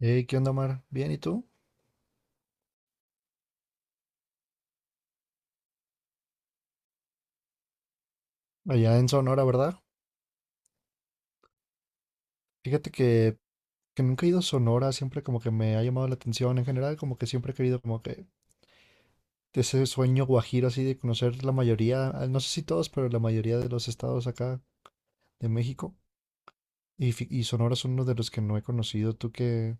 Hey, ¿qué onda, Mar? Bien, ¿y tú? Allá en Sonora, ¿verdad? Fíjate que nunca he ido a Sonora, siempre como que me ha llamado la atención en general, como que siempre he querido como que ese sueño guajiro así de conocer la mayoría, no sé si todos, pero la mayoría de los estados acá de México. Y, y Sonora es uno de los que no he conocido. ¿Tú qué,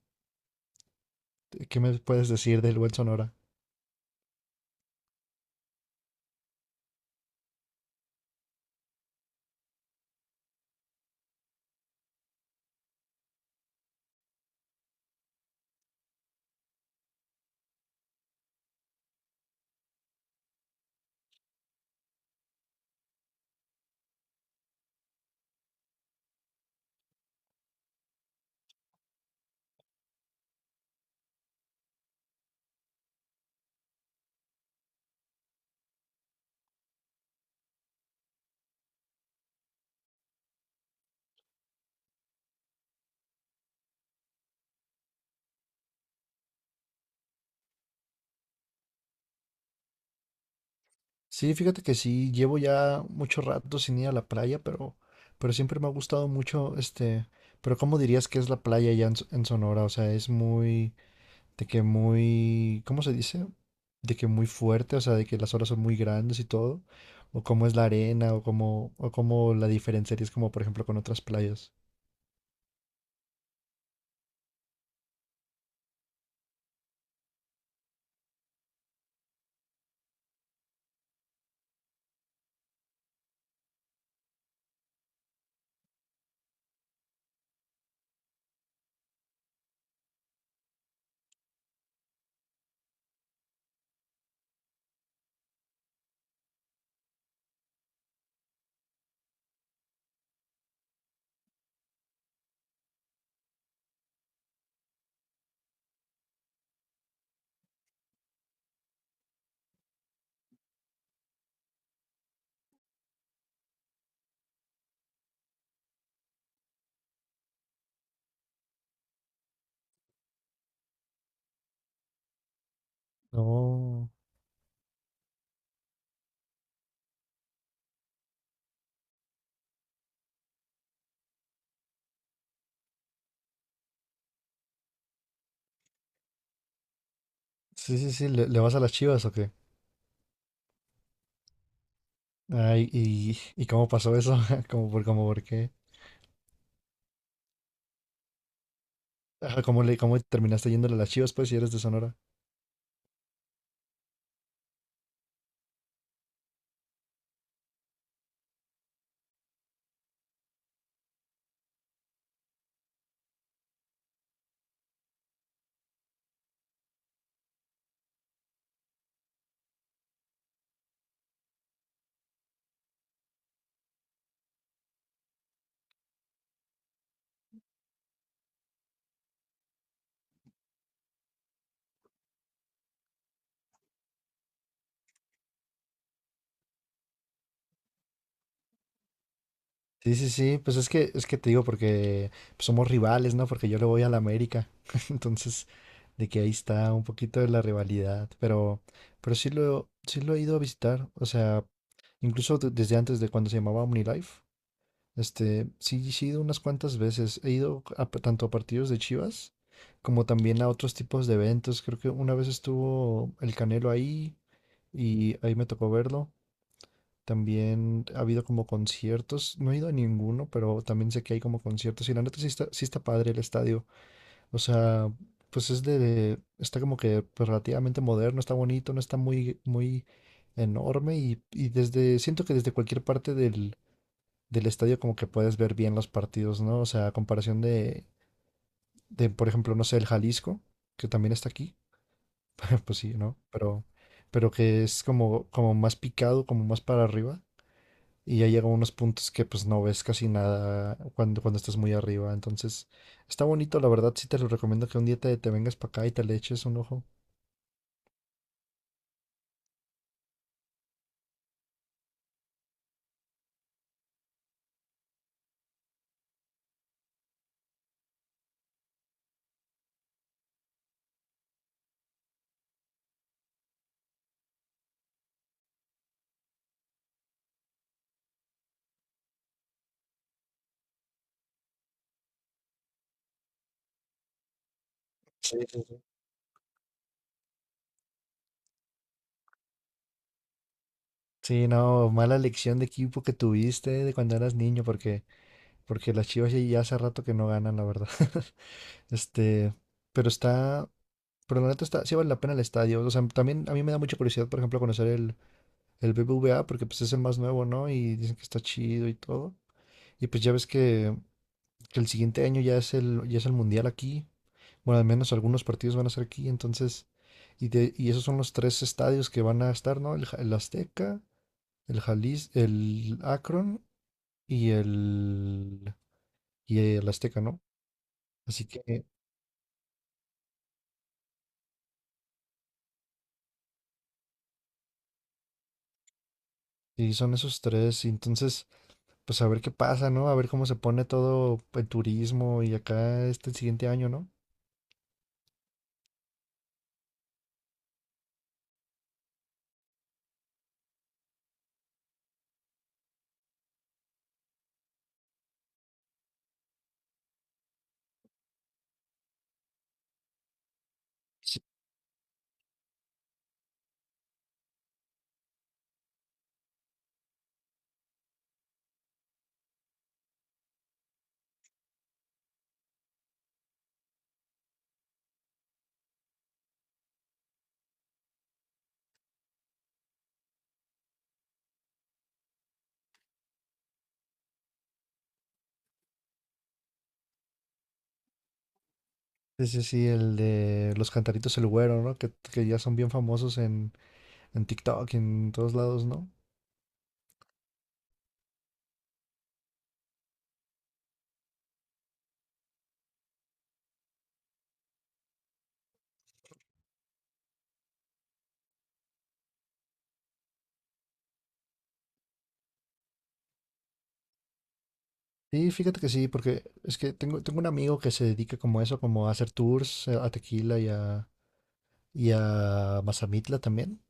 qué me puedes decir del buen Sonora? Sí, fíjate que sí, llevo ya mucho rato sin ir a la playa, pero siempre me ha gustado mucho Pero ¿cómo dirías que es la playa allá en Sonora? O sea, es ¿De que muy, cómo se dice? De que muy fuerte, o sea, de que las olas son muy grandes y todo, o cómo es la arena, o cómo la diferenciarías como por ejemplo con otras playas. No, sí, sí, sí, le vas a las Chivas o qué? Ay, ¿y cómo pasó eso? ¿Cómo por, cómo por qué? Ajá, cómo terminaste yéndole a las Chivas pues si eres de Sonora? Sí, sí, sí, pues es que te digo porque pues, somos rivales, ¿no? Porque yo le voy a la América. Entonces, de que ahí está un poquito de la rivalidad, pero sí lo he ido a visitar, o sea, incluso desde antes de cuando se llamaba OmniLife, este, sí, sí he ido unas cuantas veces, he ido a tanto a partidos de Chivas como también a otros tipos de eventos, creo que una vez estuvo el Canelo ahí y ahí me tocó verlo, también ha habido como conciertos, no he ido a ninguno, pero también sé que hay como conciertos y la neta sí está padre el estadio. O sea, pues es está como que pues, relativamente moderno, está bonito, no está muy, muy enorme y desde, siento que desde cualquier parte del estadio como que puedes ver bien los partidos, ¿no? O sea, a comparación de, por ejemplo, no sé, el Jalisco, que también está aquí, pues sí, ¿no? Pero que es como, como más picado, como más para arriba y ya llega a unos puntos que pues no ves casi nada cuando, cuando estás muy arriba. Entonces, está bonito, la verdad, sí te lo recomiendo que un día te vengas para acá y te le eches un ojo. Sí, sí, sí. Sí, no, mala elección de equipo que tuviste de cuando eras niño, porque las Chivas ya, ya hace rato que no ganan, la verdad. Este, pero está, pero la neta está, sí vale la pena el estadio. O sea, también a mí me da mucha curiosidad, por ejemplo, conocer el BBVA, porque pues es el más nuevo, ¿no? Y dicen que está chido y todo. Y pues ya ves que el siguiente año ya es ya es el mundial aquí. Bueno, al menos algunos partidos van a ser aquí, entonces, y, y esos son los tres estadios que van a estar, ¿no? El Azteca, el Jalis, el Akron y el, y el Azteca, ¿no? Así que sí, son esos tres, y entonces, pues a ver qué pasa, ¿no? A ver cómo se pone todo el turismo y acá este siguiente año, ¿no? Sí, sí, sí, sí, el de los cantaritos el güero, ¿no? Que ya son bien famosos en TikTok y en todos lados, ¿no? Sí, fíjate que sí, porque es que tengo, tengo un amigo que se dedica como a eso, como a hacer tours a Tequila y a Mazamitla también.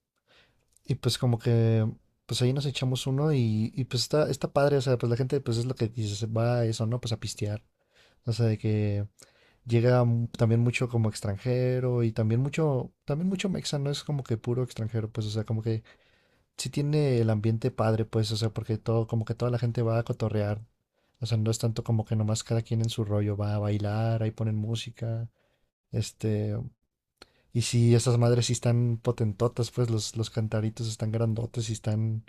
Y pues como que, pues ahí nos echamos uno y pues está, está padre, o sea, pues la gente pues es lo que dices, va a eso, ¿no? Pues a pistear. O sea, de que llega también mucho como extranjero y también mucho mexa, no es como que puro extranjero, pues o sea, como que sí tiene el ambiente padre, pues, o sea, porque todo, como que toda la gente va a cotorrear. O sea, no es tanto como que nomás cada quien en su rollo va a bailar, ahí ponen música. Este, y si esas madres sí están potentotas, pues los cantaritos están grandotes y están,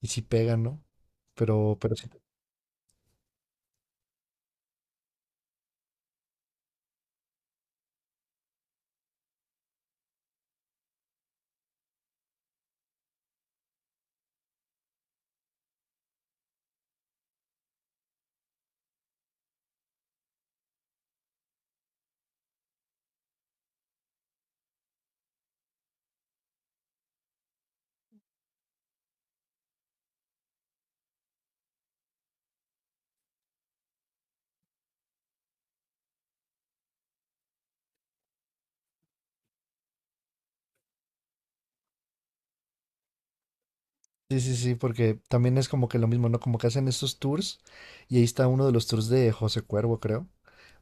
y sí pegan, ¿no? Pero sí, sí, sí, sí, porque también es como que lo mismo, ¿no? Como que hacen estos tours y ahí está uno de los tours de José Cuervo, creo,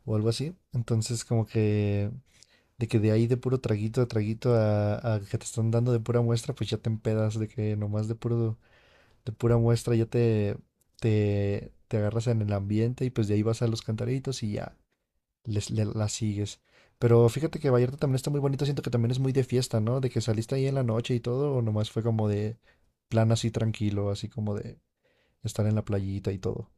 o algo así. Entonces, como que de ahí de puro traguito a traguito a que te están dando de pura muestra, pues ya te empedas de que nomás de puro de pura muestra ya te agarras en el ambiente y pues de ahí vas a los cantaritos y ya la sigues. Pero fíjate que Vallarta también está muy bonito, siento que también es muy de fiesta, ¿no? ¿De que saliste ahí en la noche y todo, o nomás fue como de plan así tranquilo, así como de estar en la playita y todo?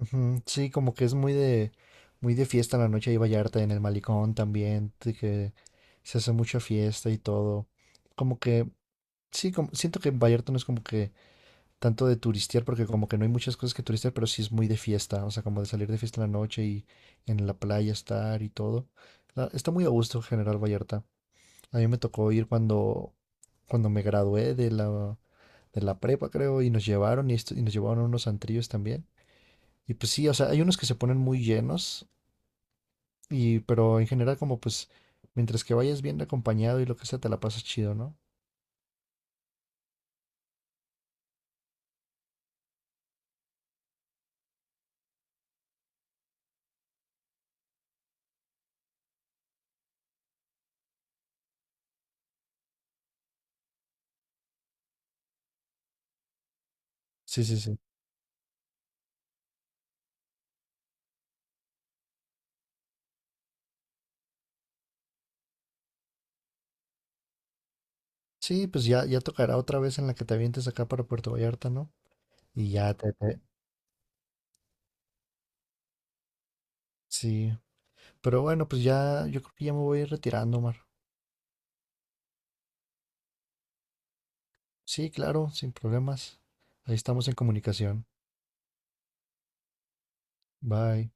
Ujú. Sí, como que es muy muy de fiesta en la noche ahí Vallarta, en el malecón también, de que se hace mucha fiesta y todo. Como que, sí, como, siento que Vallarta no es como que tanto de turistear, porque como que no hay muchas cosas que turistear, pero sí es muy de fiesta, o sea, como de salir de fiesta en la noche y en la playa estar y todo. Está muy a gusto General Vallarta. A mí me tocó ir cuando, cuando me gradué de la prepa, creo, y nos llevaron y, y nos llevaron a unos antrillos también. Y pues sí, o sea, hay unos que se ponen muy llenos, y, pero en general como pues, mientras que vayas bien acompañado y lo que sea, te la pasas chido, ¿no? Sí, sí, sí. Sí, pues ya, ya tocará otra vez en la que te avientes acá para Puerto Vallarta, ¿no? Y ya Sí, pero bueno, pues ya, yo creo que ya me voy a ir retirando, Omar. Sí, claro, sin problemas. Ahí estamos en comunicación. Bye.